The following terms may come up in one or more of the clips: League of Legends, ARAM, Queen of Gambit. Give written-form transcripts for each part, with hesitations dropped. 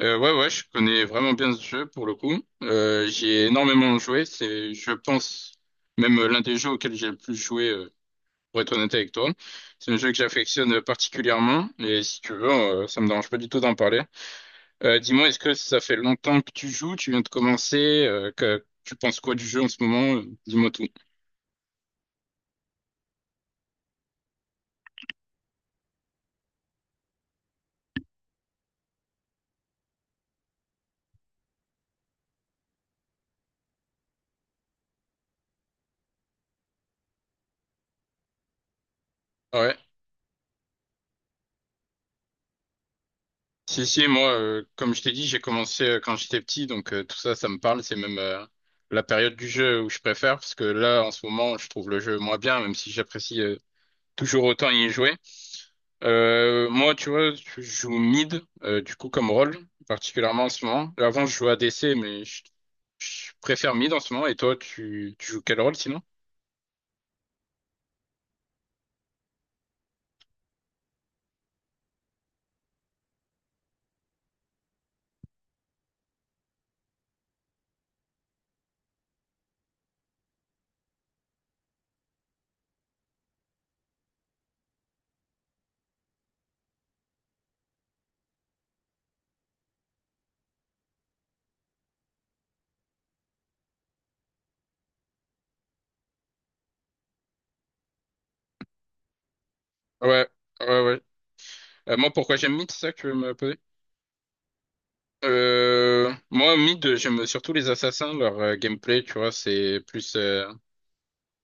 Ouais, ouais, je connais vraiment bien ce jeu pour le coup. J'y ai énormément joué. C'est, je pense, même l'un des jeux auxquels j'ai le plus joué, pour être honnête avec toi. C'est un jeu que j'affectionne particulièrement. Et si tu veux, ça me dérange pas du tout d'en parler. Dis-moi, est-ce que ça fait longtemps que tu joues? Tu viens de commencer? Tu penses quoi du jeu en ce moment? Dis-moi tout. Ouais. Si, si, moi, comme je t'ai dit, j'ai commencé quand j'étais petit, donc tout ça, ça me parle. C'est même la période du jeu où je préfère, parce que là, en ce moment, je trouve le jeu moins bien, même si j'apprécie toujours autant y jouer. Moi, tu vois, je joue mid, du coup, comme rôle, particulièrement en ce moment. Avant, je jouais ADC, mais je préfère mid en ce moment. Et toi, tu joues quel rôle sinon? Ouais, ouais, ouais. Moi, pourquoi j'aime mid, c'est ça que tu veux me poser? Moi, mid, j'aime surtout les assassins, leur gameplay, tu vois, c'est plus, euh,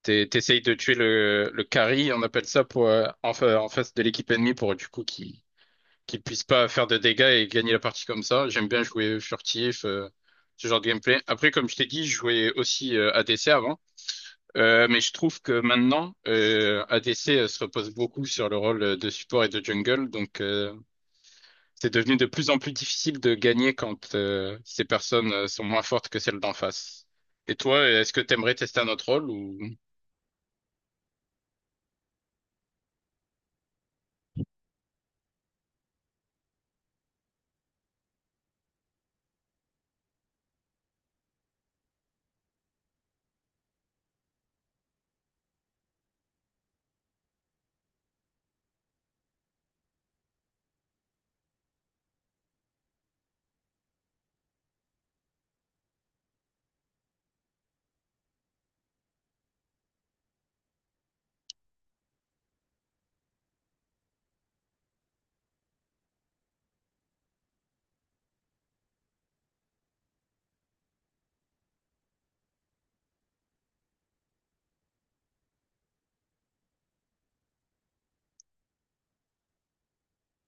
t'es- t'essayes de tuer le carry, on appelle ça, pour, en face de l'équipe ennemie pour, du coup, qu'ils puissent pas faire de dégâts et gagner la partie comme ça. J'aime bien jouer furtif, ce genre de gameplay. Après, comme je t'ai dit, je jouais aussi ADC avant. Mais je trouve que maintenant, ADC se repose beaucoup sur le rôle de support et de jungle, donc, c'est devenu de plus en plus difficile de gagner quand ces personnes sont moins fortes que celles d'en face. Et toi, est-ce que t'aimerais tester un autre rôle ou.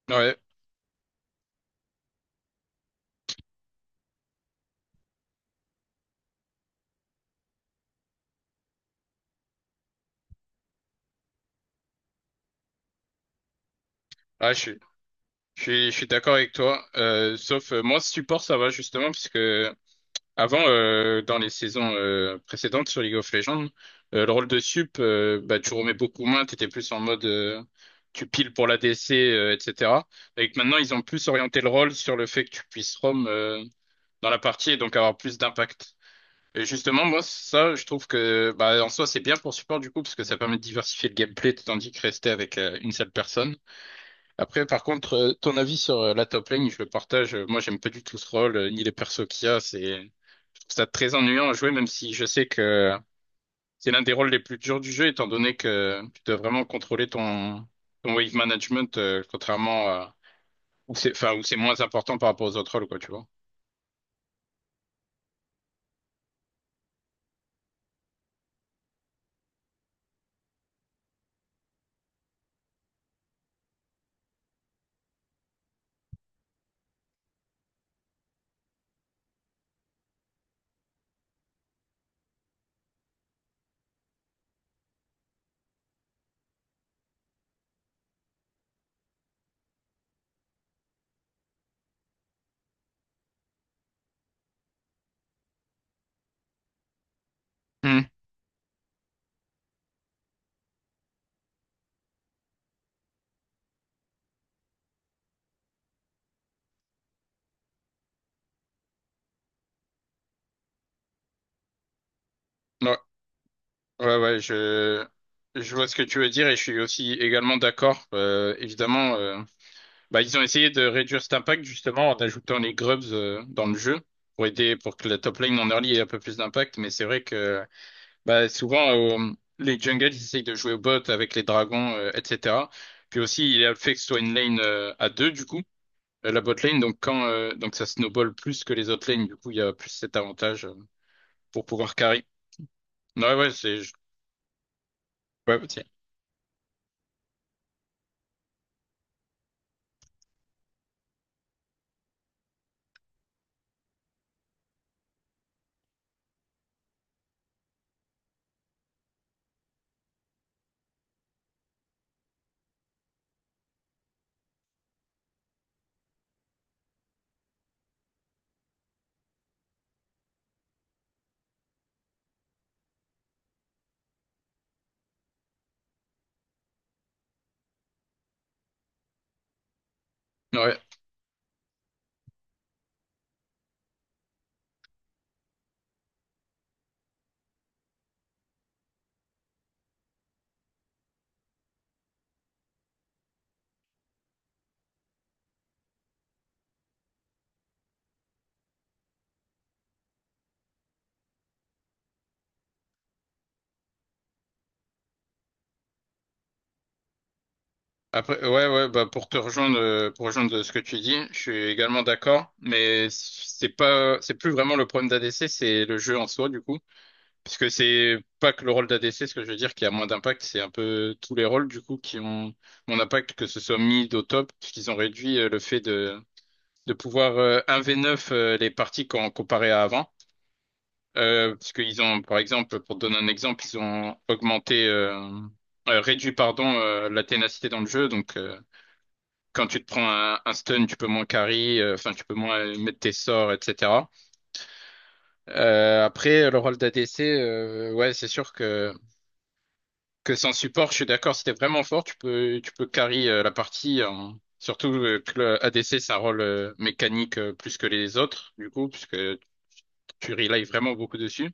Ouais, ah, je suis d'accord avec toi. Sauf moi, support, ça va justement, puisque avant, dans les saisons précédentes sur League of Legends, le rôle de sup, bah, tu remets beaucoup moins, t'étais plus en mode tu piles pour l'ADC, etc. Et que maintenant, ils ont plus orienté le rôle sur le fait que tu puisses roam dans la partie et donc avoir plus d'impact. Et justement, moi, ça, je trouve que bah, en soi, c'est bien pour support du coup, parce que ça permet de diversifier le gameplay, tandis que rester avec une seule personne. Après, par contre, ton avis sur la top lane, je le partage. Moi, j'aime pas du tout ce rôle, ni les persos qu'il y a. C'est je trouve ça très ennuyant à jouer, même si je sais que c'est l'un des rôles les plus durs du jeu, étant donné que tu dois vraiment contrôler ton wave management, contrairement à où c'est, enfin, où c'est moins important par rapport aux autres rôles, quoi, tu vois. Hmm. Ouais. Ouais, ouais, je vois ce que tu veux dire et je suis aussi également d'accord. Évidemment, bah, ils ont essayé de réduire cet impact justement en ajoutant les grubs dans le jeu pour aider pour que la top lane en early ait un peu plus d'impact. Mais c'est vrai que bah, souvent les jungles ils essayent de jouer au bot avec les dragons, etc. Puis aussi il y a le fait que ce soit une lane à deux du coup, la bot lane. Donc ça snowball plus que les autres lanes, du coup il y a plus cet avantage pour pouvoir carry. Ouais, ouais, c'est ouais, ok. Ouais. Après, ouais, ouais, bah pour rejoindre ce que tu dis, je suis également d'accord, mais c'est pas, c'est plus vraiment le problème d'ADC, c'est le jeu en soi, du coup. Parce que c'est pas que le rôle d'ADC, ce que je veux dire, qui a moins d'impact, c'est un peu tous les rôles, du coup, qui ont mon impact, que ce soit mid au top, parce qu'ils ont réduit le fait de pouvoir 1 v neuf les parties quand comparé à avant. Parce qu'ils ont, par exemple, pour te donner un exemple, ils ont augmenté, réduit, pardon, la ténacité dans le jeu, donc, quand tu te prends un stun, tu peux moins carry, enfin tu peux moins mettre tes sorts, etc. Après, le rôle d'ADC, ouais, c'est sûr que sans support, je suis d'accord, si t'es vraiment fort, tu peux carry la partie. Surtout que le ADC, c'est un rôle mécanique plus que les autres, du coup, puisque tu relies vraiment beaucoup dessus.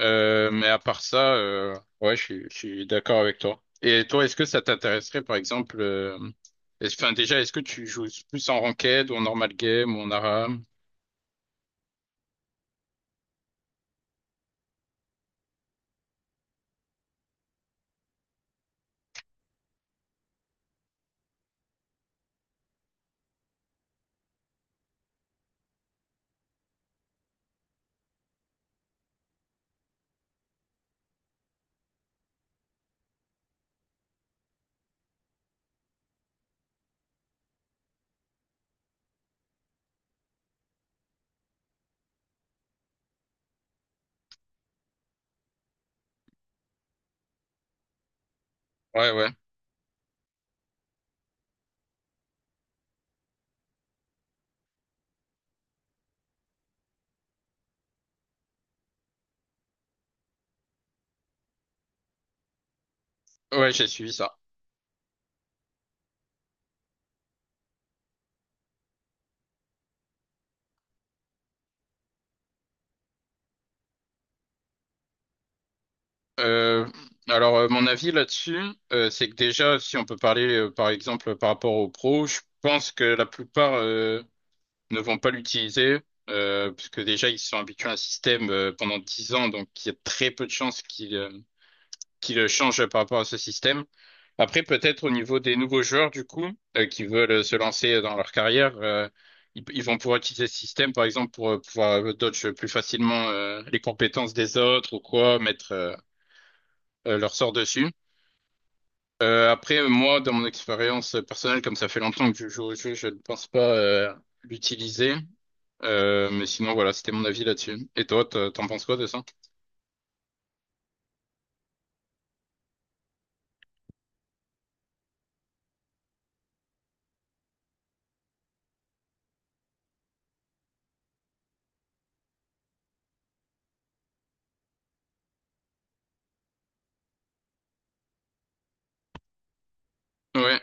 Mais à part ça, ouais, je suis d'accord avec toi. Et toi, est-ce que ça t'intéresserait, par exemple, enfin, déjà, est-ce que tu joues plus en ranked ou en normal game ou en ARAM? Ouais, ouais. Ouais, j'ai suivi ça. Euh, alors, mon avis là-dessus, c'est que déjà, si on peut parler, par exemple, par rapport aux pros, je pense que la plupart ne vont pas l'utiliser, parce que déjà, ils sont habitués à un système pendant 10 ans, donc il y a très peu de chances qu'ils qui le change par rapport à ce système. Après, peut-être au niveau des nouveaux joueurs, du coup, qui veulent se lancer dans leur carrière, ils vont pouvoir utiliser ce système, par exemple, pour pouvoir dodge plus facilement les compétences des autres ou quoi, mettre leur sort dessus. Après, moi, dans mon expérience personnelle, comme ça fait longtemps que je joue au jeu, je ne pense pas l'utiliser. Mais sinon, voilà, c'était mon avis là-dessus. Et toi, t'en penses quoi de ça? Ouais.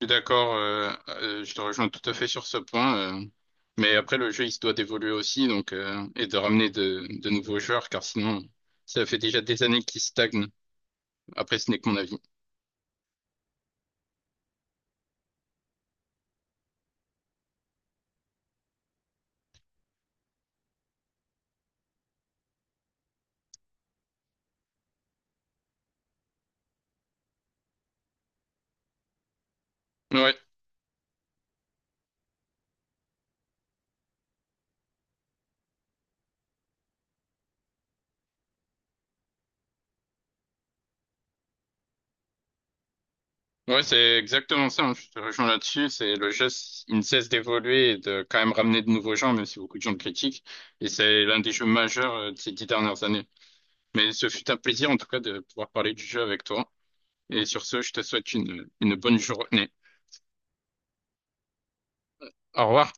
Je suis d'accord, je te rejoins tout à fait sur ce point. Mais après, le jeu, il se doit d'évoluer aussi, donc et de ramener de nouveaux joueurs, car sinon, ça fait déjà des années qu'il stagne. Après, ce n'est que mon avis. Ouais, ouais, c'est exactement ça, hein. Je te rejoins là-dessus. C'est le jeu, il ne cesse d'évoluer et de quand même ramener de nouveaux gens, même si beaucoup de gens le critiquent. Et c'est l'un des jeux majeurs de ces 10 dernières années. Mais ce fut un plaisir, en tout cas, de pouvoir parler du jeu avec toi. Et sur ce, je te souhaite une bonne journée. Au revoir.